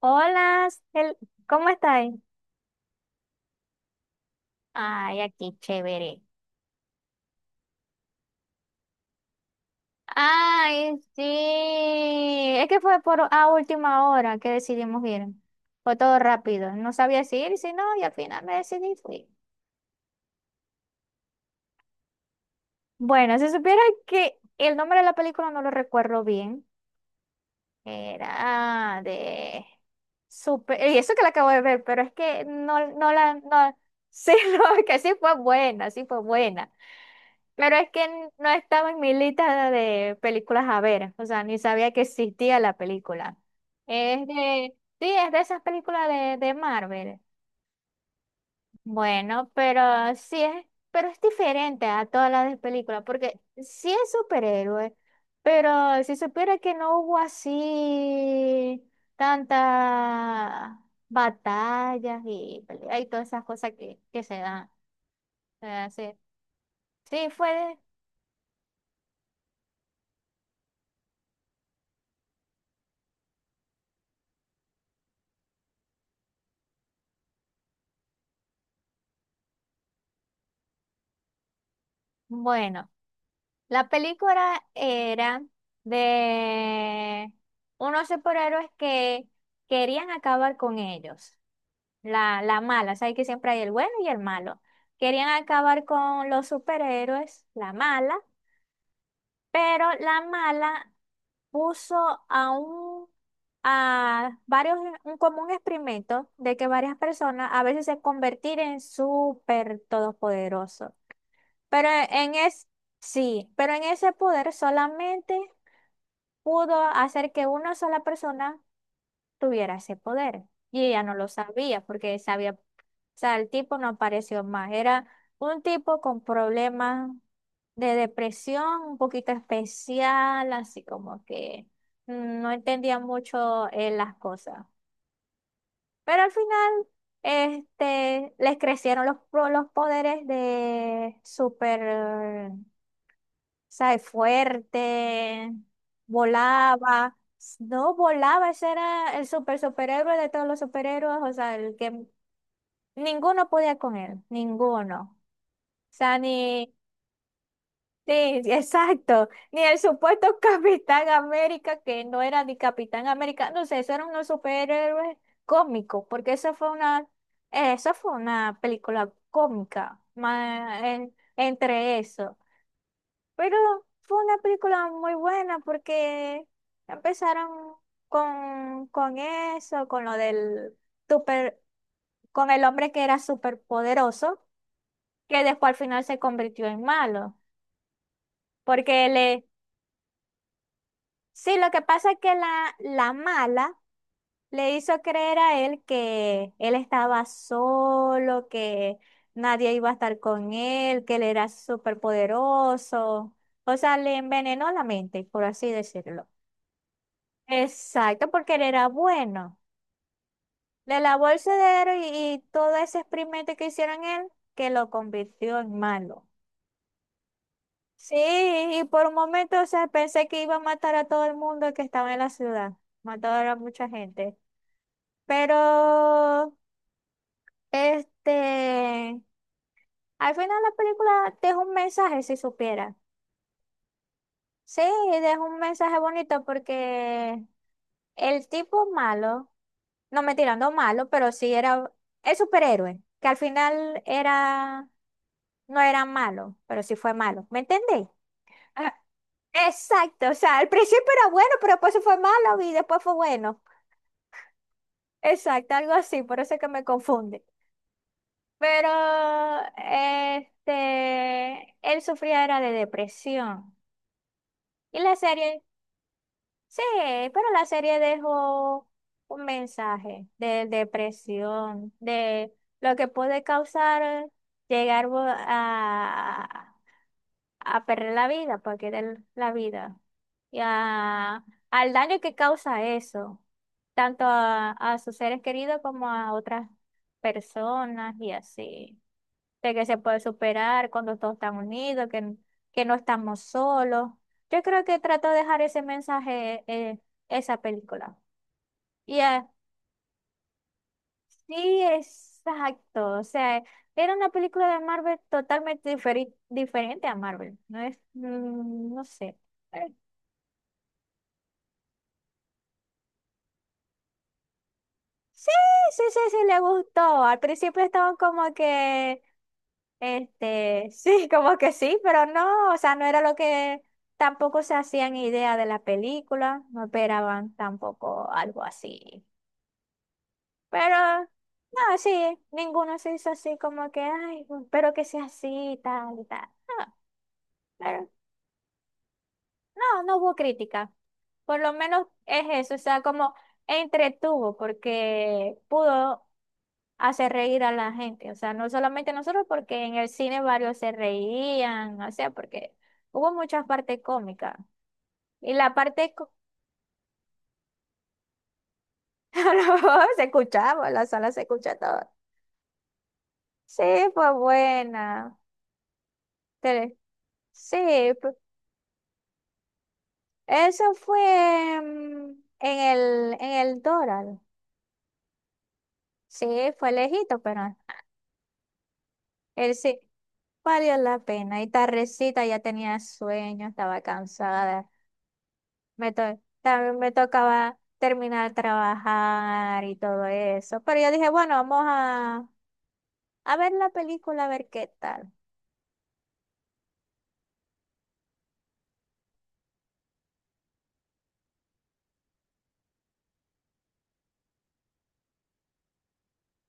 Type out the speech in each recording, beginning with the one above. Hola, Cel- ¿cómo estáis? Ay, aquí chévere. Ay, sí. Es que fue por a última hora que decidimos ir. Fue todo rápido. No sabía si ir, si no, y al final me decidí y fui. Bueno, si supiera que el nombre de la película no lo recuerdo bien, era de super, y eso que la acabo de ver, pero es que no, no la, no, sí, no, es que sí fue buena, sí fue buena. Pero es que no estaba en mi lista de películas a ver, o sea, ni sabía que existía la película. Es de, sí, es de esas películas de Marvel. Bueno, pero sí es, pero es diferente a todas las de películas, porque sí es superhéroe, pero si supiera que no hubo así tantas batallas y hay todas esas cosas que se dan. O sea, sí, sí fue. Bueno, la película era de unos superhéroes que querían acabar con ellos. La mala, sabes que siempre hay el bueno y el malo. Querían acabar con los superhéroes, la mala, pero la mala puso a un a varios un común experimento de que varias personas a veces se convertir en súper todopoderosos. Pero en es, sí, pero en ese poder solamente pudo hacer que una sola persona tuviera ese poder. Y ella no lo sabía porque sabía, o sea, el tipo no apareció más. Era un tipo con problemas de depresión, un poquito especial, así como que no entendía mucho las cosas. Pero al final, les crecieron los, los poderes de super sea, fuerte, volaba. No volaba, ese era el super superhéroe de todos los superhéroes, o sea, el que ninguno podía con él, ninguno. O sea, ni, sí, sí, exacto, ni el supuesto Capitán América, que no era ni Capitán América, no sé, eso eran unos superhéroes cómicos, porque eso fue una película cómica, entre eso. Pero fue una película muy buena porque empezaron con eso, con lo del super, con el hombre que era súper poderoso, que después al final se convirtió en malo, porque le... Sí, lo que pasa es que la mala le hizo creer a él que él estaba solo, que nadie iba a estar con él, que él era súper poderoso. O sea, le envenenó la mente, por así decirlo. Exacto, porque él era bueno. Le lavó el cerebro y todo ese experimento que hicieron él, que lo convirtió en malo. Sí, y por un momento, o sea, pensé que iba a matar a todo el mundo que estaba en la ciudad. Mató a mucha gente. Pero, este, al final la película deja un mensaje, si supiera. Sí, deja un mensaje bonito porque el tipo malo, no me tirando malo, pero sí era, es superhéroe, que al final era, no era malo, pero sí fue malo. ¿Me entendéis? Ah, exacto, o sea, al principio era bueno, pero después se fue malo y después fue bueno. Exacto, algo así, por eso es que me confunde. Pero él sufría era de depresión. Y la serie, sí, pero la serie dejó un mensaje de depresión, de lo que puede causar llegar a perder la vida, para querer la vida, y a- al daño que causa eso, tanto a sus seres queridos como a otras personas y así, de que se puede superar cuando todos están unidos, que no estamos solos. Yo creo que trato de dejar ese mensaje, esa película. Y eh, Sí, exacto. O sea, era una película de Marvel totalmente diferente a Marvel. No es, no sé. Eh, Sí, sí, sí, sí, le gustó. Al principio estaban como que, este, sí, como que sí, pero no, o sea, no era lo que tampoco se hacían idea de la película, no esperaban tampoco algo así. Pero, no, sí, ninguno se hizo así como que, ay, espero que sea así y tal y tal. No, pero no, no hubo crítica. Por lo menos es eso, o sea, como entretuvo porque pudo hacer reír a la gente, o sea, no solamente nosotros, porque en el cine varios se reían, o sea, porque hubo muchas partes cómicas y la se escuchaba, la sala se escucha todo. Sí, fue buena. Tele- Sí, pu- eso fue en el Doral. Sí, fue lejito, pero él sí. Valió la pena. Y tardecita ya tenía sueño, estaba cansada. También me tocaba terminar de trabajar y todo eso. Pero yo dije, bueno, a ver la película, a ver qué tal.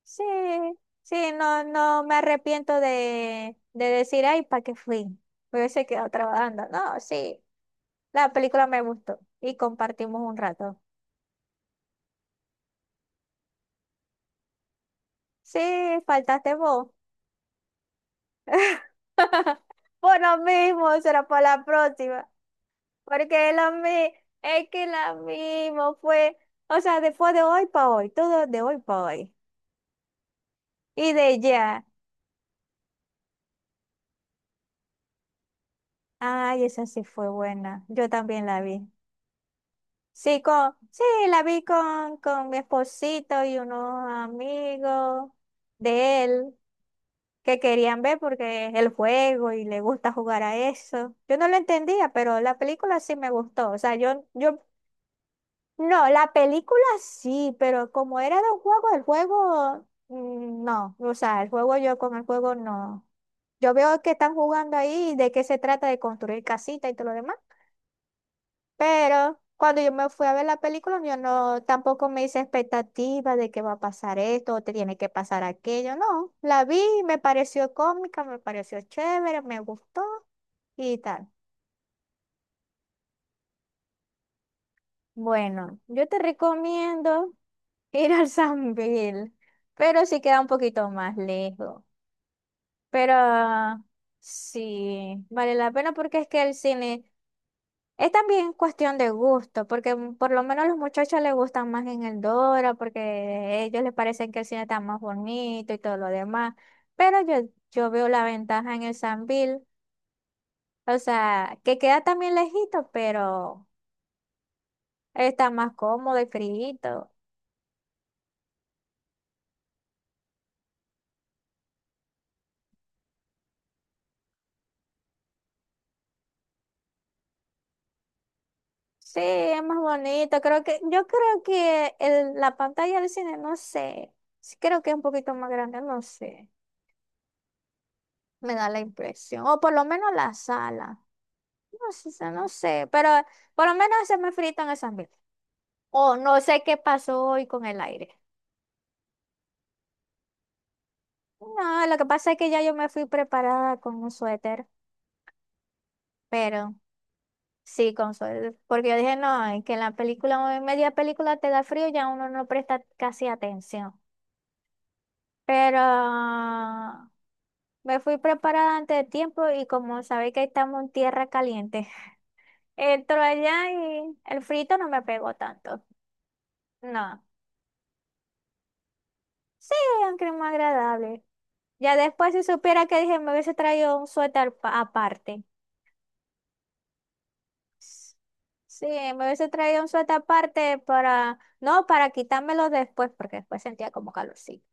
Sí, sí, no, no me arrepiento de decir, ay, ¿para qué fui? Me hubiese quedado trabajando. No, sí, la película me gustó y compartimos un rato. Sí, faltaste vos. Por lo mismo, será para la próxima. Porque es que lo mismo fue, o sea, después de hoy para hoy, todo de hoy para hoy. Y de ya, ay, esa sí fue buena, yo también la vi. Sí, con, sí, la vi con mi esposito y unos amigos de él que querían ver porque es el juego y le gusta jugar a eso. Yo no lo entendía, pero la película sí me gustó. O sea, yo... No, la película sí, pero como era de un juego, el juego no. O sea, el juego yo con el juego no. Yo veo que están jugando ahí de qué se trata de construir casita y todo lo demás. Pero cuando yo me fui a ver la película, yo no, tampoco me hice expectativa de que va a pasar esto o te tiene que pasar aquello. No, la vi, me pareció cómica, me pareció chévere, me gustó y tal. Bueno, yo te recomiendo ir al San Bill, pero sí queda un poquito más lejos. Pero ah, sí, vale la pena porque es que el cine es también cuestión de gusto, porque por lo menos a los muchachos les gustan más en el Dora, porque a ellos les parece que el cine está más bonito y todo lo demás. Pero yo veo la ventaja en el Sambil, o sea, que queda también lejito, pero está más cómodo y frío. Sí, es más bonito. Creo que, yo creo que la pantalla del cine, no sé. Sí, creo que es un poquito más grande, no sé. Me da la impresión. O por lo menos la sala. No sé, no sé. Pero por lo menos se me frito en esas mil. O no sé qué pasó hoy con el aire. No, lo que pasa es que ya yo me fui preparada con un suéter. Pero sí, con suéter. Porque yo dije, no, es que en la película, en media película te da frío, ya uno no presta casi atención. Pero... Me fui preparada antes de tiempo y como sabéis que estamos en tierra caliente, entro allá y el frito no me pegó tanto. No, sí, un clima agradable. Ya después si supiera que dije me hubiese traído un suéter aparte. S- Sí, me hubiese traído un suéter aparte para, no, para quitármelo después porque después sentía como calorcito.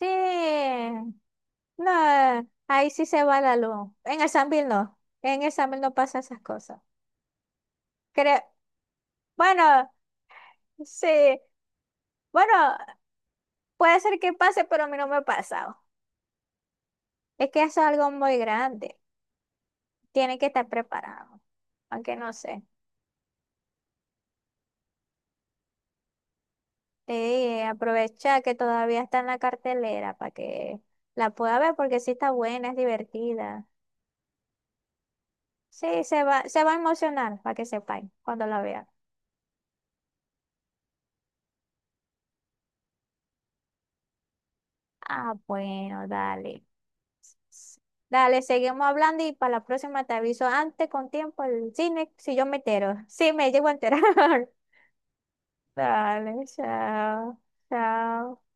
Sí, no, ahí sí se va la luz. En el Sambil no, en el Sambil no pasa esas cosas. Creo, bueno. Sí, bueno, puede ser que pase, pero a mí no me ha pasado. Es que es algo muy grande. Tiene que estar preparado. Aunque no sé. Te dije, aprovecha que todavía está en la cartelera para que la pueda ver porque sí está buena, es divertida. Sí, se va a emocionar para que sepáis cuando la vea. Ah, bueno, dale. S- Dale, seguimos hablando y para la próxima te aviso antes con tiempo el cine si yo me entero. Sí, me llego a enterar. Dale, chao. Chao.